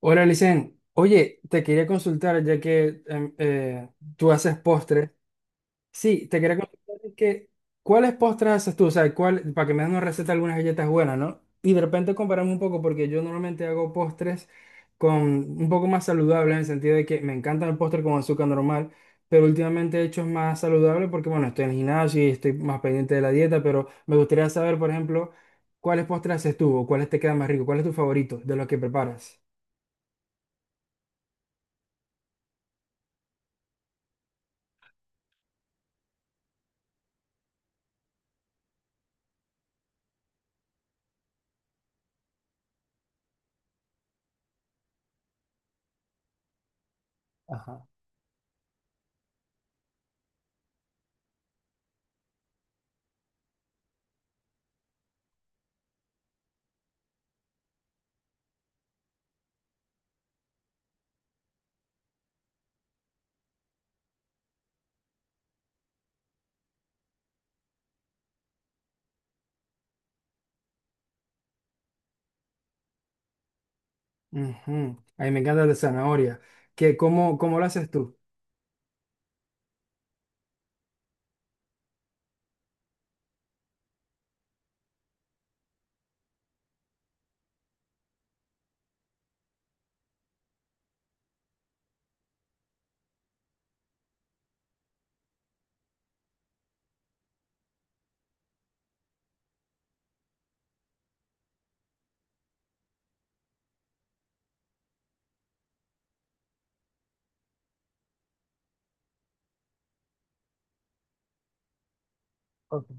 Hola, Licen. Oye, te quería consultar, ya que tú haces postres. Sí, te quería consultar ¿cuáles postres haces tú? O sea, ¿cuál, para que me des una receta de algunas galletas buenas, ¿no? Y de repente comparamos un poco, porque yo normalmente hago postres con un poco más saludables, en el sentido de que me encanta el postre con azúcar normal, pero últimamente he hecho más saludable porque, bueno, estoy en el gimnasio y estoy más pendiente de la dieta, pero me gustaría saber, por ejemplo, ¿cuáles postres haces tú o cuáles te quedan más ricos? ¿Cuál es tu favorito de los que preparas? Ajá. Ujú. A mí me encanta el de zanahoria. ¿Qué, cómo, cómo lo haces tú? Ok.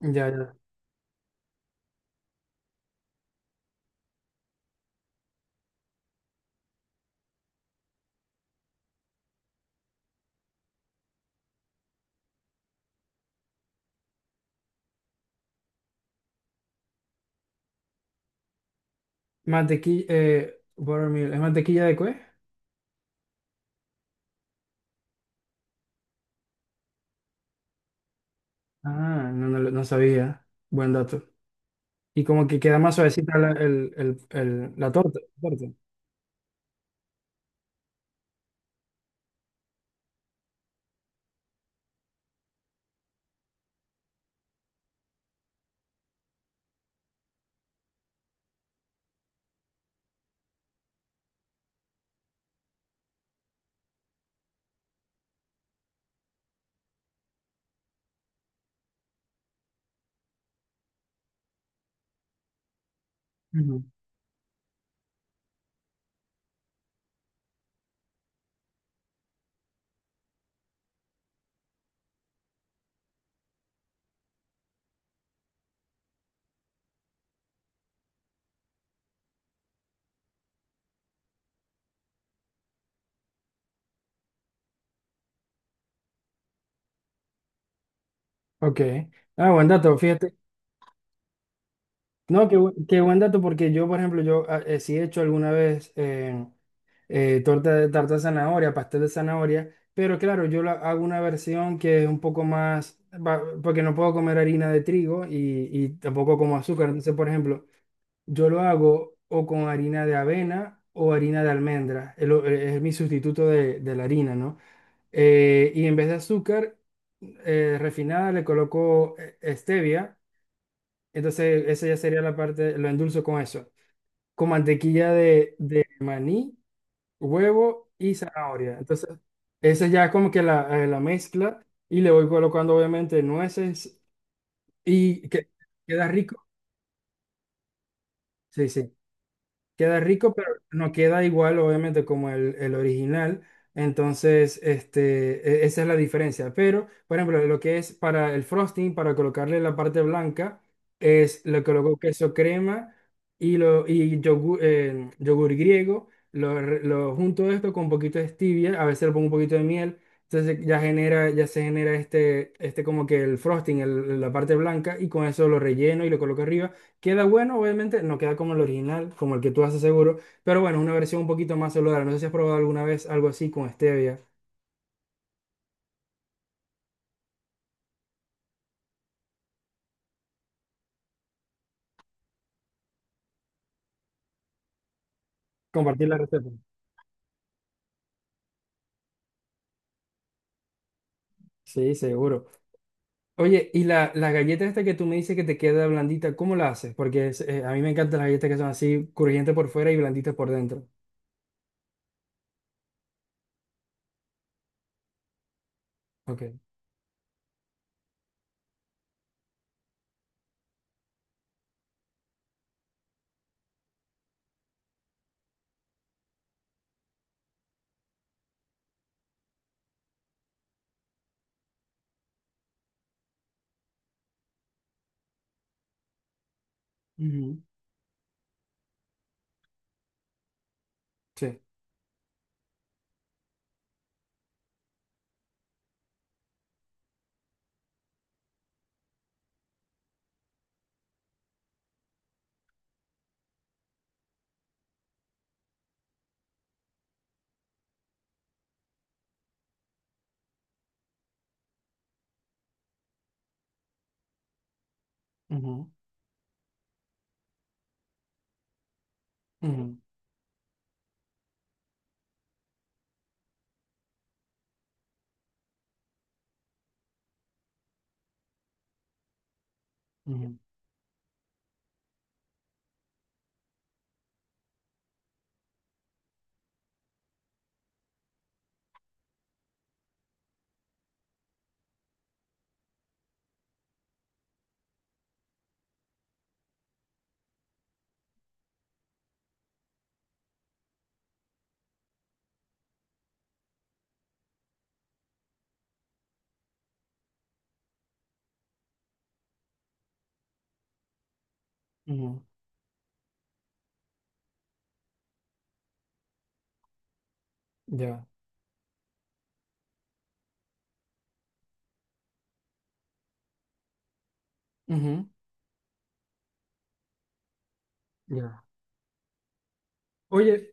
Ya, ya. Mantequilla, buttermilk, ¿es mantequilla de qué? Ah, no, no, no sabía. Buen dato. Y como que queda más suavecita la, el- la torta. Ujú. Ok. Ah, buen dato, fíjate. No, qué buen dato porque yo, por ejemplo, sí he hecho alguna vez. Torta de tarta de zanahoria, pastel de zanahoria, pero claro, hago una versión que es un poco más, porque no puedo comer harina de trigo y tampoco como azúcar. Entonces, por ejemplo, yo lo hago o con harina de avena o harina de almendra, es mi sustituto de la harina, ¿no? Y en vez de azúcar refinada le coloco stevia, entonces esa ya sería la parte, lo endulzo con eso, con mantequilla de maní huevo y zanahoria. Entonces, esa ya es como que la mezcla y le voy colocando obviamente nueces y que, queda rico. Sí, sí. Queda rico, pero no queda igual, obviamente, como el original. Entonces, esa es la diferencia. Pero, por ejemplo, lo que es para el frosting, para colocarle la parte blanca, es le coloco queso crema y yogur, yogur griego. Lo junto esto con un poquito de stevia, a veces le pongo un poquito de miel. Entonces ya genera, ya se genera como que el frosting, la parte blanca, y con eso lo relleno y lo coloco arriba. Queda bueno, obviamente, no queda como el original, como el que tú haces seguro, pero bueno, es una versión un poquito más saludable. No sé si has probado alguna vez algo así con stevia. Compartir la receta. Sí, seguro. Oye, la galleta esta que tú me dices que te queda blandita, ¿cómo la haces? Porque a mí me encantan las galletas que son así, crujientes por fuera y blanditas por dentro. Ok. Ujú. Sí. Ujú, ujú, ujú, ujú. Ya. Ujú. Ya. Oye,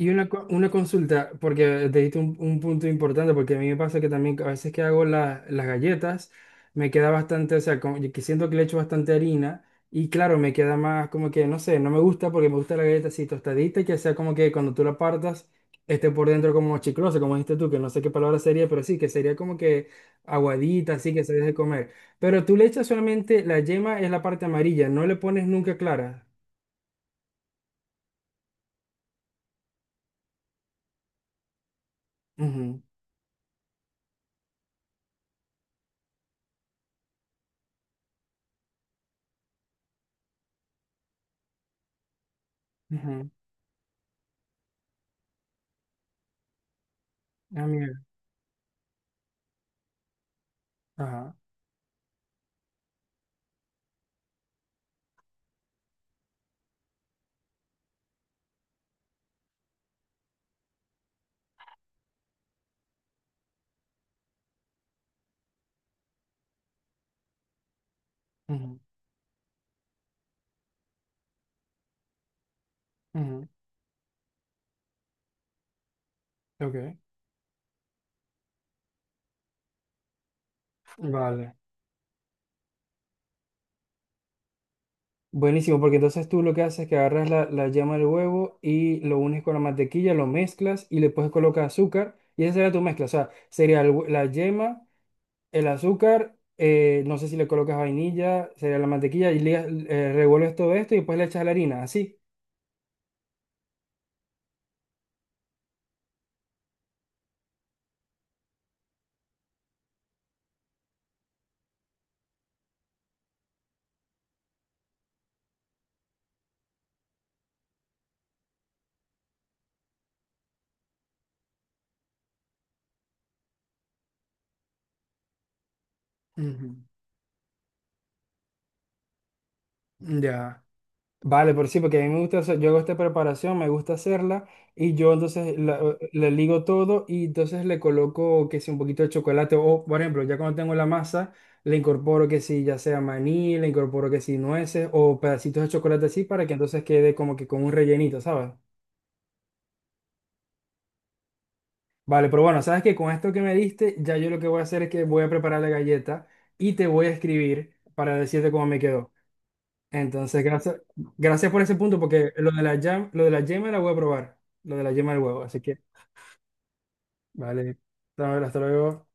y una consulta, porque te diste un punto importante, porque a mí me pasa que también a veces que hago las galletas, me queda bastante, o sea, como que siento que le echo bastante harina y claro, me queda más como que, no sé, no me gusta porque me gusta la galleta así tostadita, y que sea como que cuando tú la partas esté por dentro como chiclosa, como dijiste tú, que no sé qué palabra sería, pero sí, que sería como que aguadita, así que se deje comer. Pero tú le echas solamente la yema, es la parte amarilla, no le pones nunca clara. Ujú, ujú. Ah, mira. Ajá. Ujú. Ujú. Ok, vale. Buenísimo, porque entonces tú lo que haces es que agarras la yema del huevo y lo unes con la mantequilla, lo mezclas y le puedes colocar azúcar y esa sería tu mezcla. O sea, sería la yema, el azúcar, no sé si le colocas vainilla, sería la mantequilla y revuelves todo esto y después le echas la harina, así. Ujú. Ya. Vale, por sí, porque a mí me gusta hacer, yo hago esta preparación, me gusta hacerla y yo entonces la- le ligo todo y entonces le coloco que si un poquito de chocolate o, por ejemplo, ya cuando tengo la masa, le incorporo que si ya sea maní, le incorporo que si nueces o pedacitos de chocolate así para que entonces quede como que con un rellenito, ¿sabes? Vale, pero bueno, sabes que con esto que me diste, ya yo lo que voy a hacer es que voy a preparar la galleta y te voy a escribir para decirte cómo me quedó. Entonces, gracias, gracias por ese punto, porque lo de lo de la yema la voy a probar. Lo de la yema del huevo. Así que, vale. Hasta luego.